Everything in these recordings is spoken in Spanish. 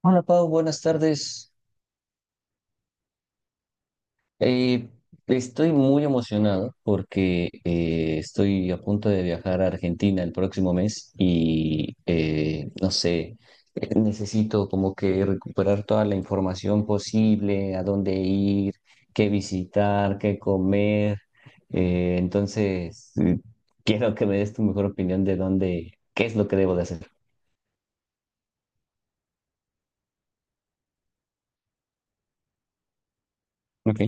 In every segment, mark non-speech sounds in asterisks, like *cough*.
Hola Pau, buenas tardes. Eh, Estoy muy emocionado porque estoy a punto de viajar a Argentina el próximo mes y no sé, necesito como que recuperar toda la información posible, a dónde ir, qué visitar, qué comer. Entonces, quiero que me des tu mejor opinión de dónde, qué es lo que debo de hacer. Ok.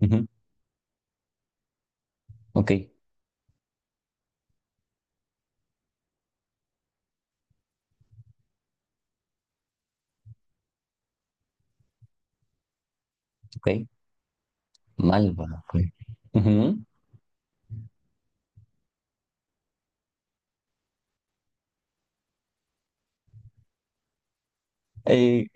Ujú. Ok, ok. Malva. Fue. Ujú. Eh,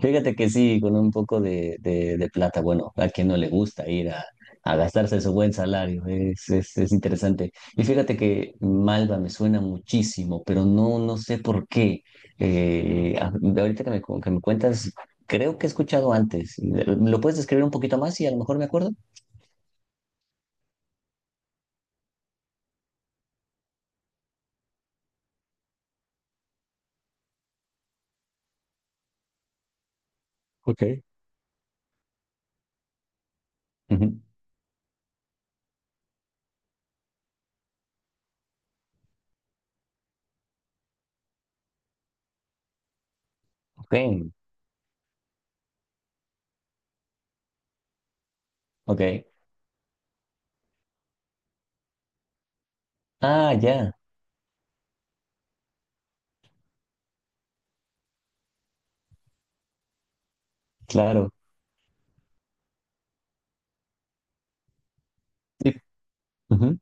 Fíjate que sí, con un poco de, de plata, bueno, a quien no le gusta ir a gastarse su buen salario, es interesante. Y fíjate que Malva me suena muchísimo, pero no, no sé por qué. De ahorita que me, que me cuentas, creo que he escuchado antes. ¿Lo puedes describir un poquito más y a lo mejor me acuerdo? Ujú. Ok, ok. Ah, ya, claro. Sí. Ujú.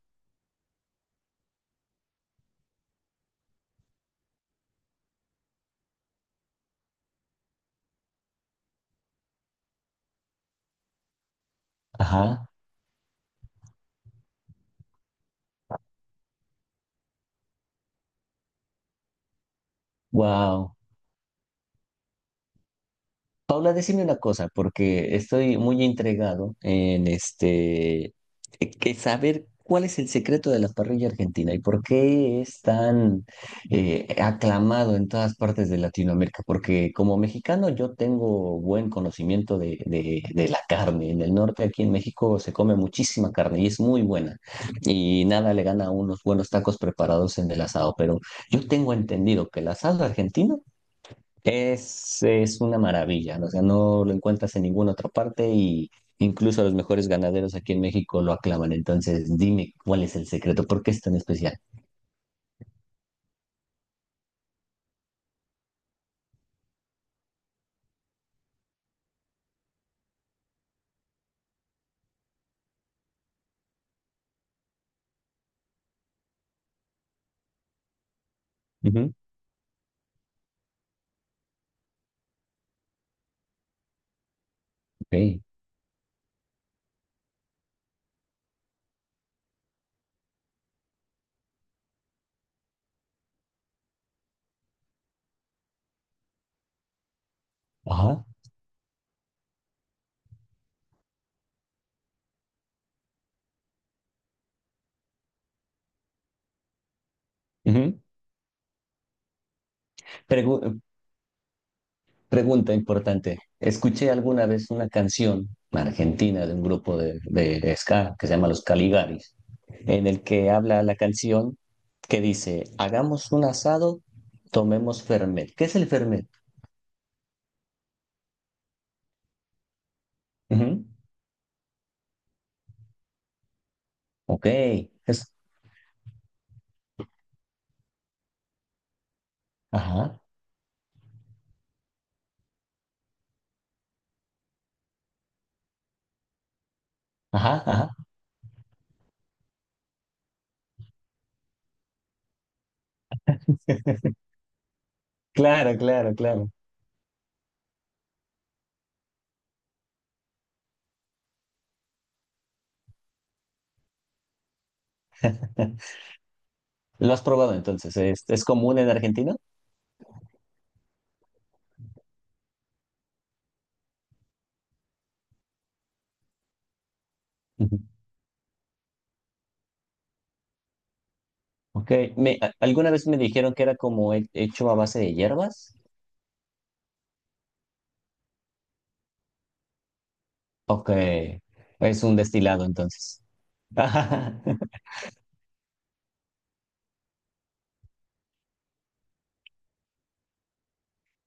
Ajá, wow. Paula, decime una cosa, porque estoy muy intrigado en que saber cuál es el secreto de la parrilla argentina y por qué es tan aclamado en todas partes de Latinoamérica. Porque como mexicano yo tengo buen conocimiento de la carne. En el norte, aquí en México, se come muchísima carne y es muy buena. Y nada le gana a unos buenos tacos preparados en el asado. Pero yo tengo entendido que el asado argentino es una maravilla, ¿no? O sea, no lo encuentras en ninguna otra parte y incluso los mejores ganaderos aquí en México lo aclaman. Entonces, dime cuál es el secreto, ¿por qué es tan especial? Ujú, ok. Ajá. Ujú. Pregu- Pregunta importante. Escuché alguna vez una canción argentina de un grupo de ska que se llama Los Caligaris, en el que habla la canción que dice, hagamos un asado, tomemos fernet. ¿Qué es el fernet? Ujú. Ok, es... Ajá, ajá, ajá. *laughs* Claro, claro, claro. *laughs* ¿Lo has probado entonces? Es común en Argentina? Ujú. Ok. Me, alguna vez me dijeron que era como hecho a base de hierbas. Ok. Es un destilado entonces. *laughs*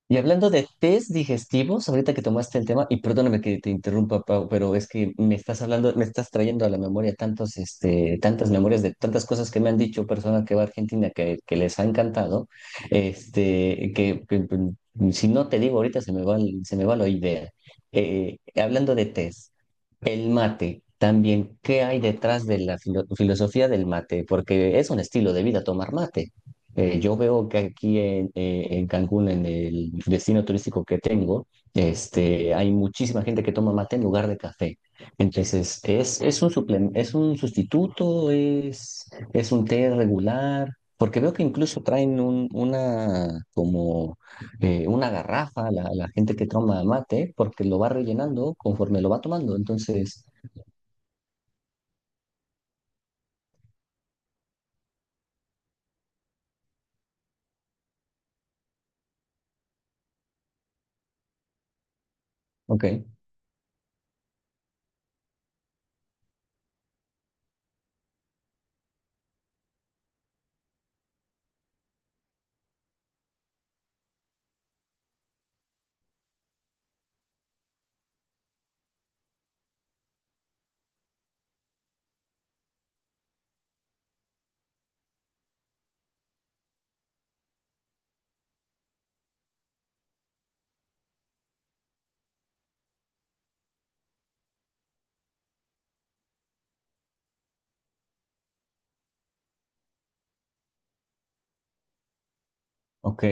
Y hablando de test digestivos, ahorita que tomaste el tema, y perdóname que te interrumpa, Pau, pero es que me estás hablando, me estás trayendo a la memoria tantos, este, tantas memorias de tantas cosas que me han dicho personas que va a Argentina que les ha encantado, este, que, que si no te digo ahorita se me va, se me va la idea. Hablando de test. El mate, también, ¿qué hay detrás de la filosofía del mate? Porque es un estilo de vida tomar mate. Yo veo que aquí en Cancún, en el destino turístico que tengo, este, hay muchísima gente que toma mate en lugar de café. Entonces, es un es un sustituto? Es un té regular? Porque veo que incluso traen un, una como una garrafa, la gente que toma mate, porque lo va rellenando conforme lo va tomando. Entonces, ok, ok,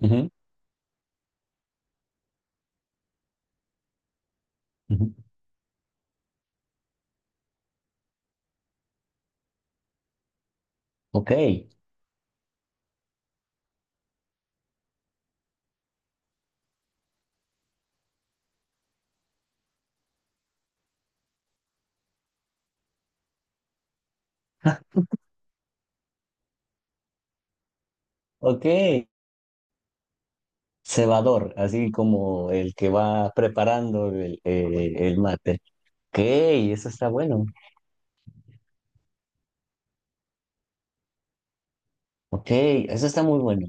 ujú, ujú, ok. *laughs* Ja, ok. Cebador, así como el que va preparando el mate. Ok, eso está bueno. Ok, eso está muy bueno.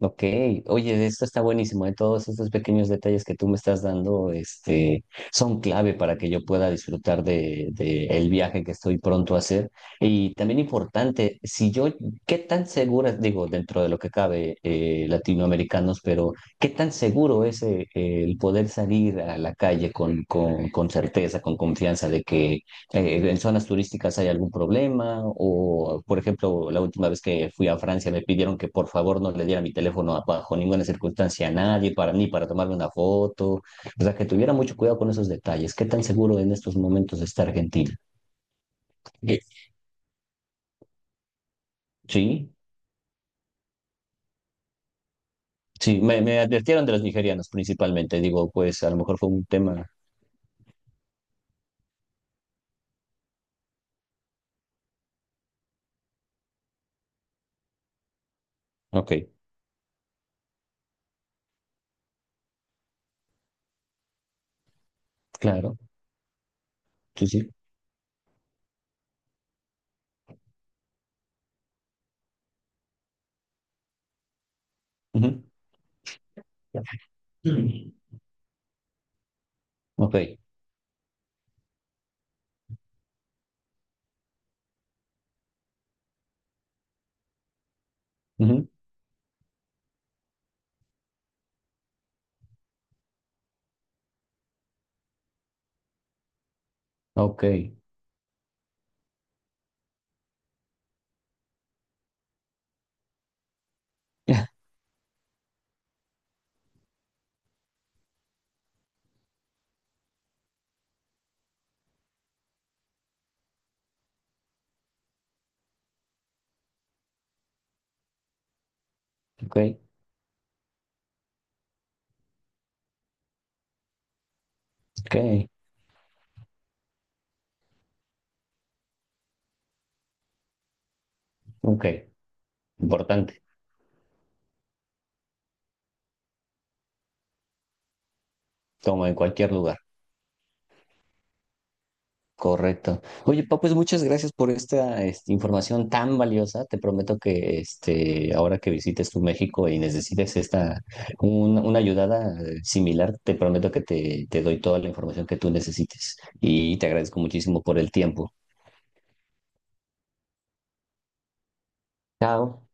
Ok, oye, esto está buenísimo, ¿eh? Todos estos pequeños detalles que tú me estás dando, este, son clave para que yo pueda disfrutar de el viaje que estoy pronto a hacer. Y también importante, si yo, ¿qué tan segura, digo, dentro de lo que cabe, latinoamericanos, pero qué tan seguro es el poder salir a la calle con certeza, con confianza de que ¿en zonas turísticas hay algún problema? O, por ejemplo, la última vez que fui a Francia me pidieron que por favor no le diera mi teléfono bajo ninguna circunstancia a nadie, para, ni para tomarme una foto. O sea, que tuviera mucho cuidado con esos detalles. ¿Qué tan seguro en estos momentos está Argentina? Eh, Sí, sí, me advirtieron de los nigerianos principalmente. Digo, pues a lo mejor fue un tema. Ok, claro, sí, sí. Ujú. Mm. Ok, ujú, ok. *laughs* Ok, ok, ok, importante. Como en cualquier lugar. Correcto. Oye, pa, pues muchas gracias por esta, este, información tan valiosa. Te prometo que este, ahora que visites tu México y necesites esta, una ayudada similar, te prometo que te doy toda la información que tú necesites. Y te agradezco muchísimo por el tiempo. Chao.